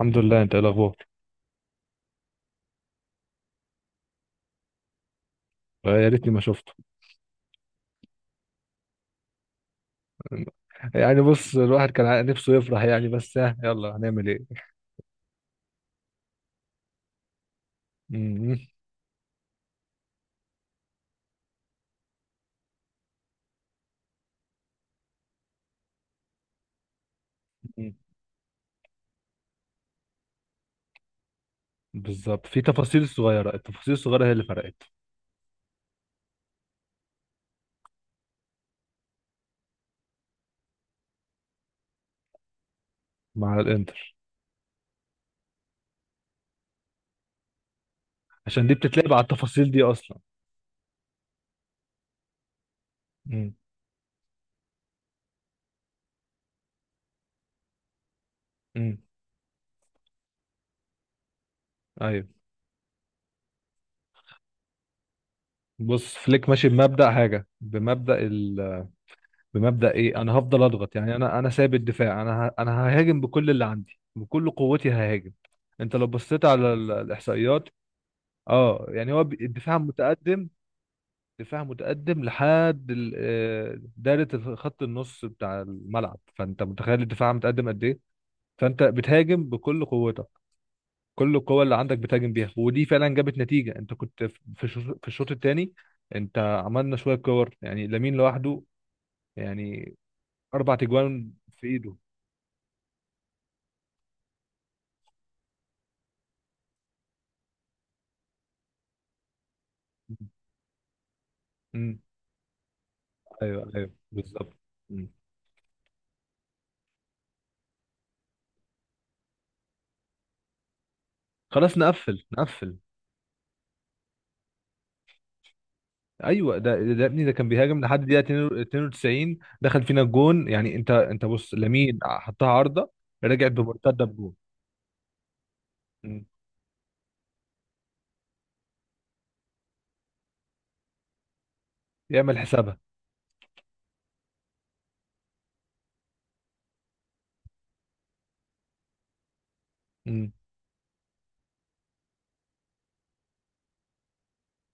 الحمد لله، انت ايه الاخبار؟ آه، يا ريتني ما شفته. يعني بص الواحد كان نفسه يفرح يعني، بس ها يلا هنعمل ايه. م- م- بالظبط، في تفاصيل صغيره، التفاصيل الصغيره هي اللي فرقت مع الانتر، عشان دي بتتلعب على التفاصيل دي اصلا. م- م. ايوه. بص فليك ماشي بمبدأ حاجه، بمبدأ ايه، انا هفضل اضغط يعني، انا سايب الدفاع، انا ههاجم بكل اللي عندي، بكل قوتي ههاجم. انت لو بصيت على الاحصائيات، اه يعني هو الدفاع متقدم. دفاع متقدم لحد دايرة خط النص بتاع الملعب، فانت متخيل الدفاع متقدم قد ايه. فانت بتهاجم بكل قوتك، كل القوة اللي عندك بتهاجم بيها، ودي فعلا جابت نتيجة. انت كنت في الشوط في الشوط الثاني انت عملنا شوية كور، يعني لامين لوحده، يعني اربع تجوان في ايده. امم، ايوه ايوه بالظبط. مم. خلاص نقفل نقفل. ايوه ده ابني ده كان بيهاجم لحد دقيقه 92، دخل فينا الجون. يعني انت بص، لامين حطها عارضه، رجعت بمرتده بجون. مم. يعمل حسابها. مم.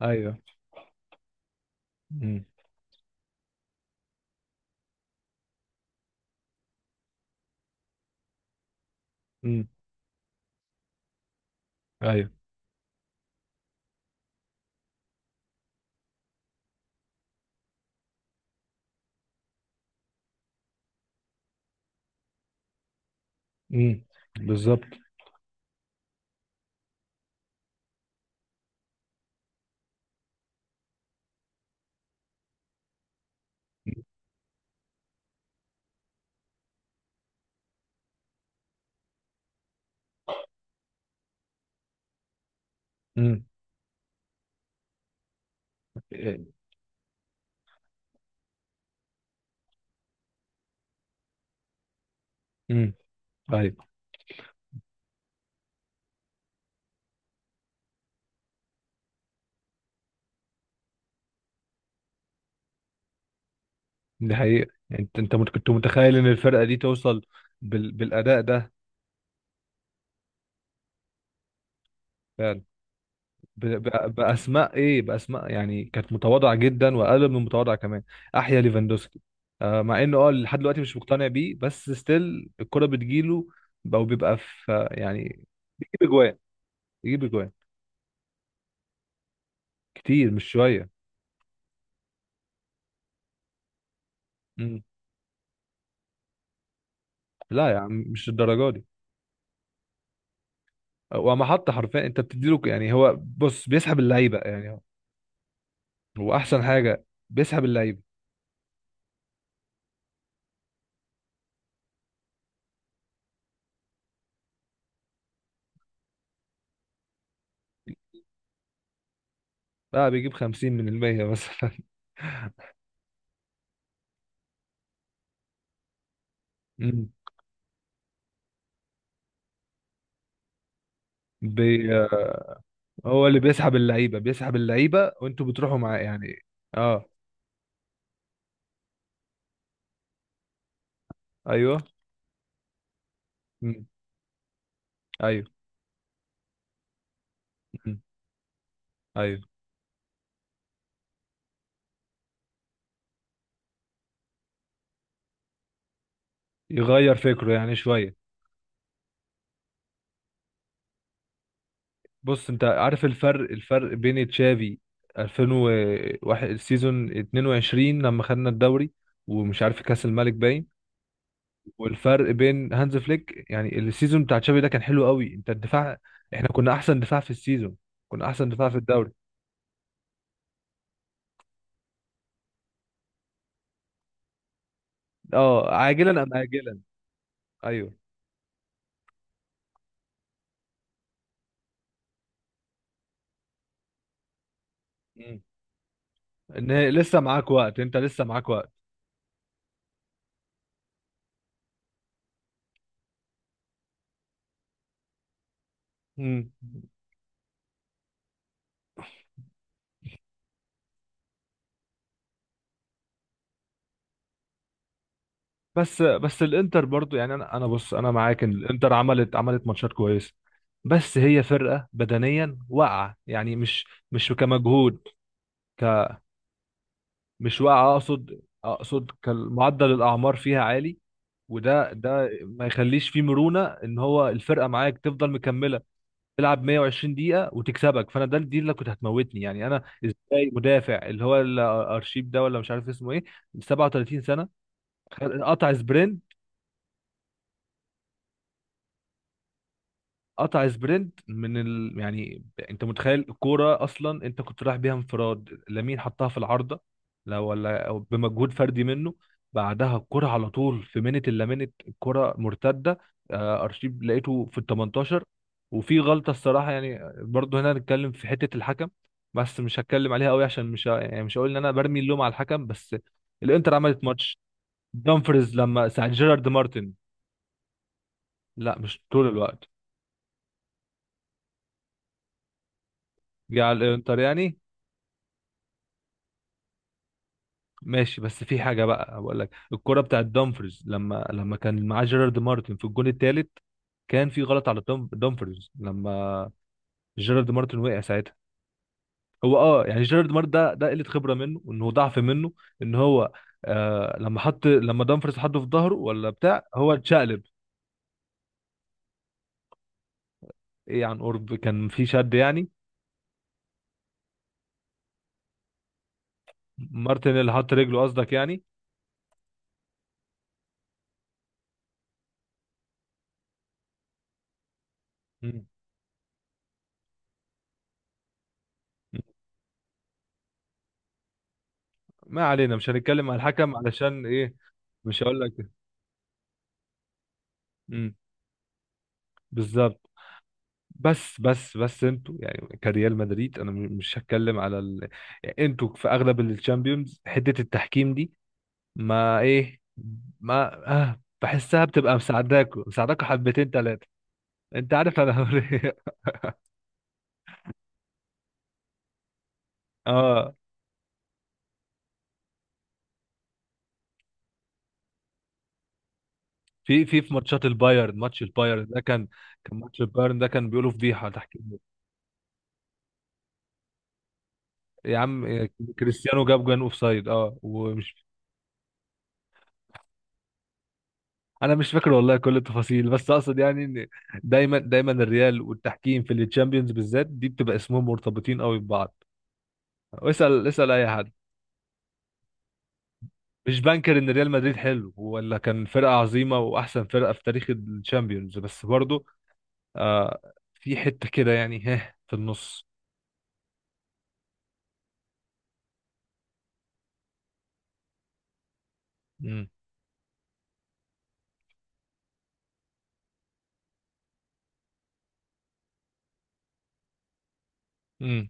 ايوه. مم. مم. ايوه. مم. بالظبط. مم. مم. ايوه. دي حقيقه. انت كنت متخيل ان الفرقه دي توصل بالاداء ده، باسماء ايه، باسماء يعني كانت متواضعه جدا، واقل من المتواضعه كمان. احيا ليفاندوسكي. آه، مع انه لحد دلوقتي مش مقتنع بيه، بس ستيل الكره بتجيله، او بيبقى في يعني. بيجيب اجوان بيجيب اجوان، كتير مش شويه. مم. لا يا عم، مش الدرجه دي. وما حط حرفيا، انت بتديله يعني هو بص بيسحب اللعيبه، يعني هو احسن حاجه، بيسحب اللعيبه، بقى بيجيب 50 من المية مثلا. مم. بي هو اللي بيسحب اللعيبه، بيسحب اللعيبه وانتوا بتروحوا معاه يعني. اه، ايوه. مم. ايوه. مم. ايوه. يغير فكره يعني شويه. بص انت عارف الفرق بين تشافي 2001، السيزون 22 لما خدنا الدوري ومش عارف كاس الملك باين، والفرق بين هانز فليك. يعني السيزون بتاع تشافي ده كان حلو قوي، انت الدفاع، احنا كنا احسن دفاع في السيزون، كنا احسن دفاع في الدوري. اه، عاجلا ام اجلا. ايوه. مم. ان هي لسه معاك وقت، انت لسه معاك وقت. مم. بس الانتر برضو يعني، انا بص، انا معاك ان الانتر عملت ماتشات كويسه. بس هي فرقه بدنيا واقعه يعني، مش كمجهود. ك مش واقعه اقصد كمعدل الاعمار فيها عالي، وده ما يخليش فيه مرونه ان هو الفرقه معاك تفضل مكمله، تلعب 120 دقيقه وتكسبك. فانا ده دي اللي كنت هتموتني، يعني انا ازاي مدافع اللي هو الارشيب ده ولا مش عارف اسمه ايه 37 سنه قطع سبرنت قطع سبرنت يعني. انت متخيل الكوره اصلا، انت كنت رايح بيها انفراد، لامين حطها في العارضه، لا ولا أو بمجهود فردي منه. بعدها الكوره على طول، في منت الا منت الكوره مرتده. آه، ارشيب لقيته في ال 18، وفي غلطه الصراحه يعني برضه هنا. هنتكلم في حته الحكم بس مش هتكلم عليها قوي، عشان مش ه... يعني مش هقول ان انا برمي اللوم على الحكم. بس الانتر عملت ماتش، دامفرز لما ساعد جيرارد مارتن. لا، مش طول الوقت. جه على الانتر يعني، ماشي. بس في حاجه بقى بقول لك، الكره بتاعت دامفرز لما كان معاه جيرارد مارتن في الجون الثالث، كان في غلط على دامفرز لما جيرارد مارتن وقع ساعتها. هو يعني جيرارد مارتن ده قله خبره منه، انه ضعف منه ان هو، آه لما دامفرز حطه في ظهره ولا بتاع، هو اتشقلب. ايه، عن قرب كان في شد يعني. مارتن اللي حط رجله قصدك يعني. مم. ما علينا، مش هنتكلم على الحكم علشان ايه. مش هقول لك. مم. بالظبط. بس انتوا يعني كريال مدريد، انا مش هتكلم على يعني انتوا في اغلب الشامبيونز حته التحكيم دي ما ايه ما، آه بحسها بتبقى مساعداكوا مساعداكوا حبتين ثلاثه. انت عارف انا هقول ايه. اه، في ماتشات البايرن، ماتش البايرن ده كان، كان ماتش البايرن ده كان بيقولوا فضيحه تحكيم. يا عم آه، كريستيانو جاب جون اوف سايد، ومش، انا مش فاكر والله كل التفاصيل، بس اقصد يعني ان دايما الريال والتحكيم في الشامبيونز بالذات دي بتبقى اسمهم مرتبطين قوي ببعض. واسال اسال اي حد. مش بنكر ان ريال مدريد حلو ولا، كان فرقه عظيمه واحسن فرقه في تاريخ الشامبيونز، بس برضه آه في حته كده يعني، ها في النص. امم. امم.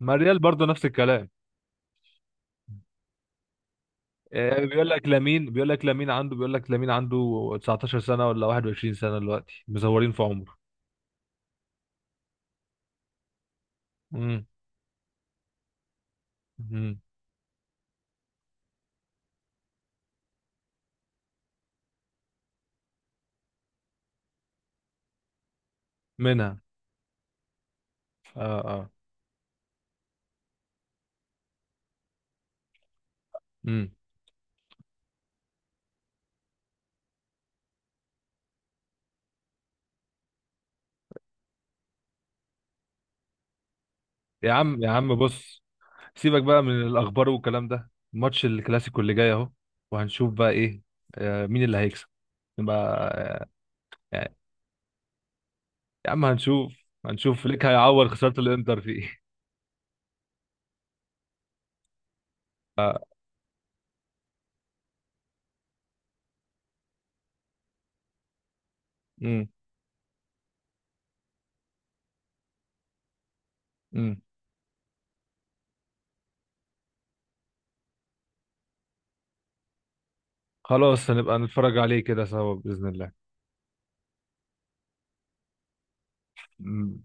ما الريال برضه نفس الكلام. آه، بيقول لك لامين عنده 19 سنه ولا 21 سنه دلوقتي، مزورين في عمره. امم. امم. منها. اه آه. امم. يا عم يا عم بص، سيبك بقى من الاخبار والكلام ده. ماتش الكلاسيكو اللي جاي اهو، وهنشوف بقى ايه. آه، مين اللي هيكسب. نبقى آه، يعني. يا عم هنشوف. هنشوف ليك هيعوض خسارة الانتر في ايه. امم. امم. خلاص هنبقى نتفرج عليه كده سوا بإذن الله. مم.